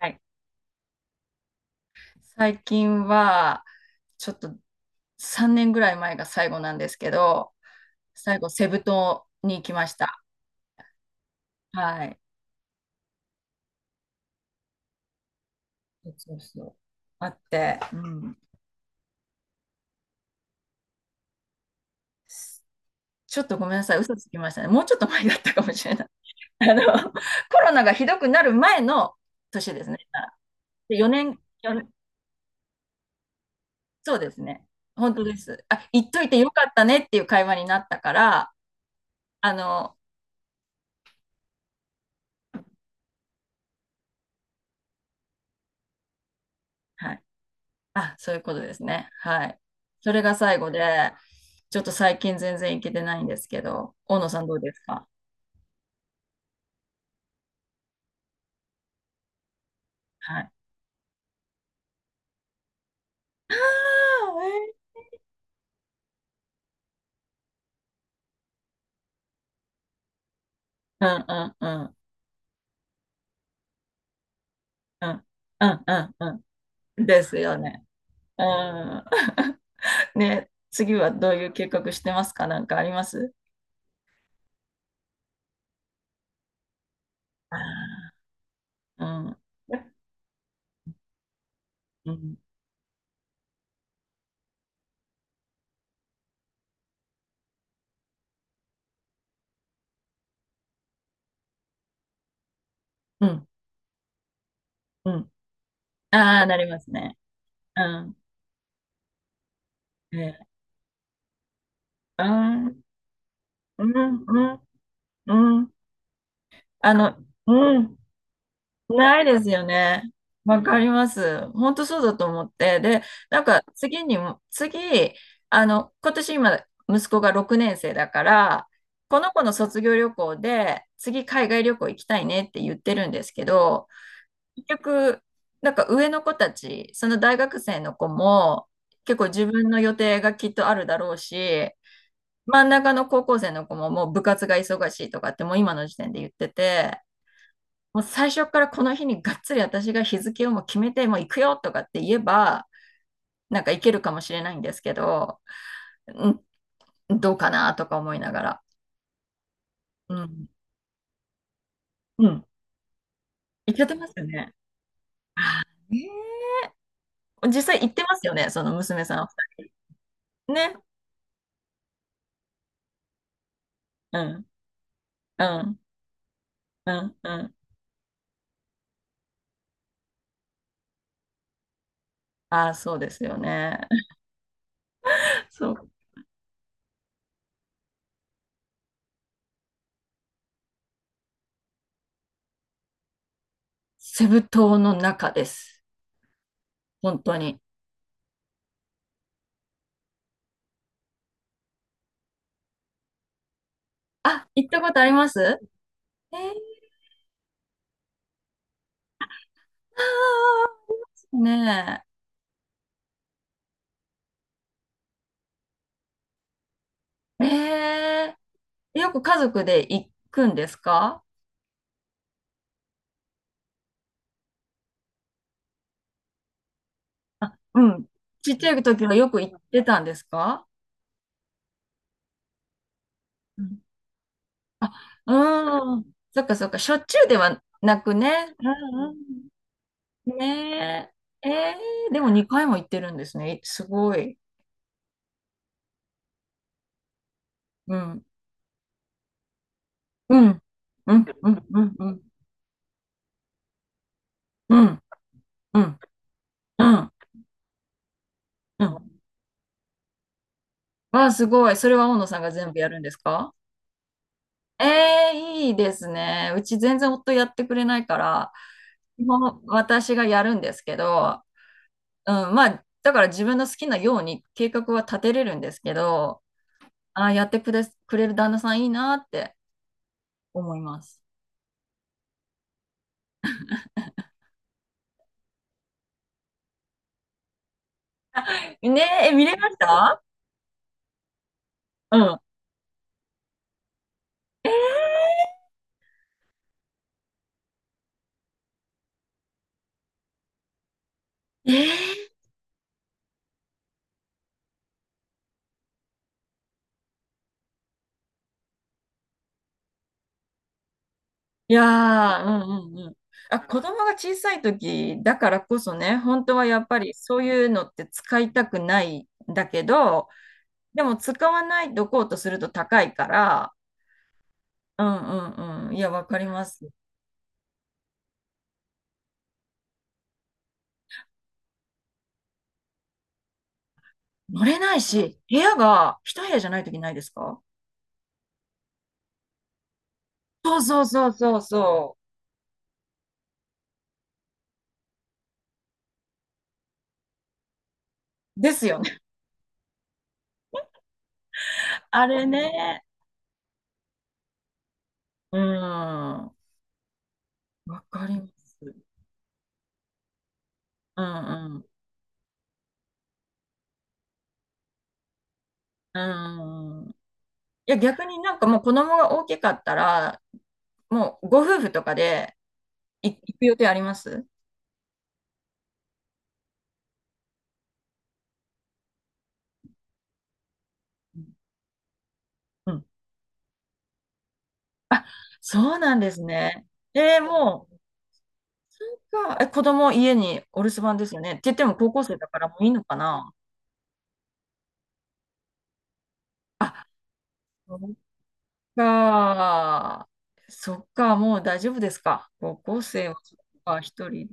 はい。最近は、ちょっと3年ぐらい前が最後なんですけど、最後、セブ島に行きました。はい。そうそうあって、うん。ちょっとごめんなさい、嘘つきましたね。もうちょっと前だったかもしれない。あの、コロナがひどくなる前の年ですね。で4年、4そうですね。本当です。あ、行っといてよかったねっていう会話になったから、あの、はい。あ、そういうことですね。はい。それが最後で、ちょっと最近全然行けてないんですけど、大野さんどうですか？はい。ああ、うんうんうんうんうんうんうん。ですよね。うん。ね、次はどういう計画してますか？なんかあります？ああーうん。うん。うん。ああー、なりますね。うん。ね、うん。うん。うん。うん。あの、うん。ないですよね。わかります。本当そうだと思って。で、なんか次にも、次、今年今、息子が6年生だから、この子の卒業旅行で、次海外旅行行きたいねって言ってるんですけど、結局、なんか上の子たち、その大学生の子も、結構自分の予定がきっとあるだろうし、真ん中の高校生の子ももう部活が忙しいとかってもう今の時点で言ってて、もう最初からこの日にがっつり私が日付をもう決めて、もう行くよとかって言えば、なんか行けるかもしれないんですけど、ん、どうかなとか思いながら。うん。うん。行けてますよね。あーねー実際行ってますよね、その娘さんお二人。ね。うん。うん。うん。うん。ああ、そうですよね。そう。セブ島の中です。本当に。あ、行ったことあります？えー、あーねえ。ええ、よく家族で行くんですか？あ、うん。ちっちゃい時はよく行ってたんですか？うん。あ、うん。そっかそっか。しょっちゅうではなくね。うんうん。ねえ。ええ、でも2回も行ってるんですね。すごい。うん。うん。うん、うん、うん、うん。うん、うん、うん、うん。わあ、すごい。それは大野さんが全部やるんですか？ええ、いいですね。うち全然夫やってくれないから、基本私がやるんですけど、うん、まあ、だから自分の好きなように計画は立てれるんですけど、ああ、やってくれ、くれる旦那さんいいなって思います。ねえ、え、見れました？うん。えーいやー、うんうんうん。あ、子供が小さい時だからこそね、本当はやっぱりそういうのって使いたくないんだけど、でも使わないとこうとすると高いから、うんうんうん。いや、わかります。乗れないし、部屋が一部屋じゃない時ないですか？そうそうそうそうそう。ですよね。あれね。うん。わかります。うんうん。うん。いや、逆になんかもう子供が大きかったら、もうご夫婦とかで行く予定あります？うんうん。あ、そうなんですね。もう、子供家にお留守番ですよね。って言っても高校生だからもういいのかなあ、そっか。そっか、もう大丈夫ですか？高校生は、そっか、一人。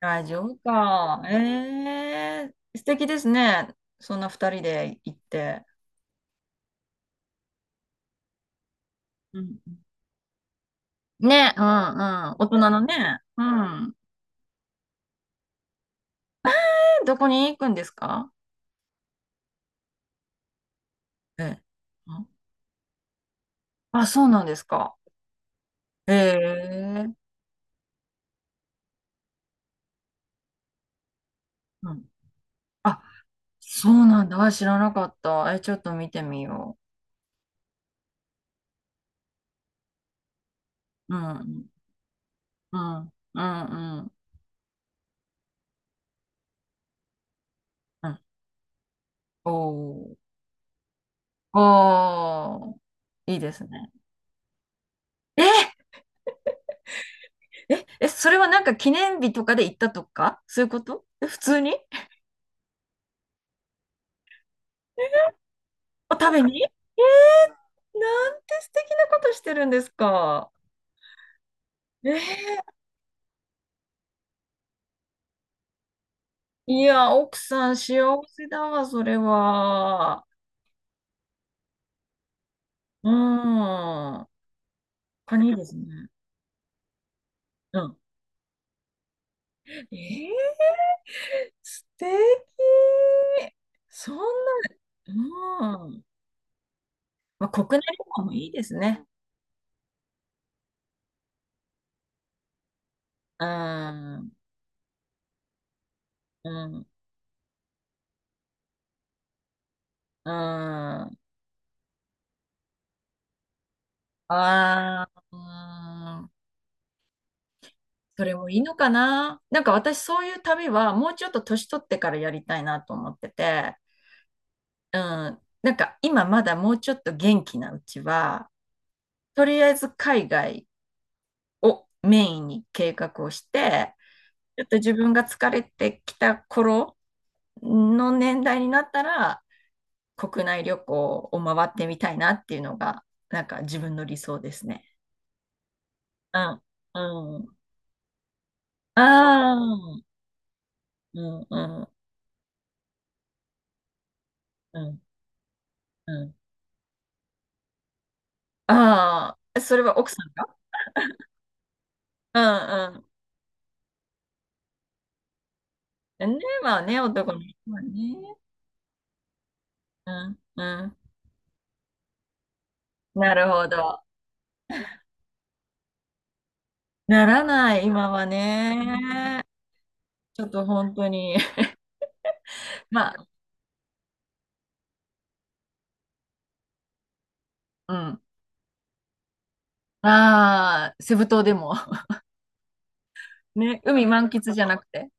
大丈夫か。ええ、素敵ですね。そんな二人で行って。うん。ね、うんうん。大人のね。うん。え、どこに行くんですか？ええ、あ、あ、そうなんですか？ええ、うん。あ、そうなんだ。あ、知らなかった。え、ちょっと見てみよう。うん。うん。うん。うん。うん。おー。おー。いいですね。ええ、え、それはなんか記念日とかで行ったとかそういうこと？え、普通に？お食べに。 なんて素敵なことしてるんですか？えいや、奥さん幸せだわ、それは。うん。カニいいですね。うん。えー、素敵。そんな、うん。まあ、国内旅行もいいですね。うん。うん。うん。ああ。うん。それもいいのかな。なんか私そういう旅はもうちょっと年取ってからやりたいなと思ってて、うん、なんか今まだもうちょっと元気なうちは、とりあえず海外をメインに計画をして、ちょっと自分が疲れてきた頃の年代になったら、国内旅行を回ってみたいなっていうのが、なんか自分の理想ですね。うん、うん、ああ、うん、うん、うん、うん。ああ、それは奥さんが？うんうん。ね、まあね、男の人はね。うんうん。なるほど。ならない、今はね。ちょっと本当に。まあ、うん。ああ、セブ島でも。ね、海満喫じゃなくて。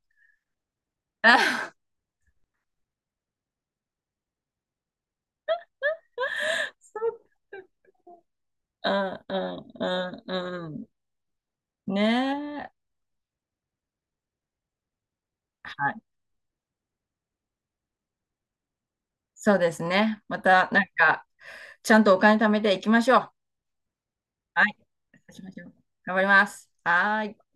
あーそう。うんうんうんうん。ねえ。はい。そうですね。また、なんか、ちゃんとお金貯めていきましょう。はい。そうしましょう。頑張ります。はーい。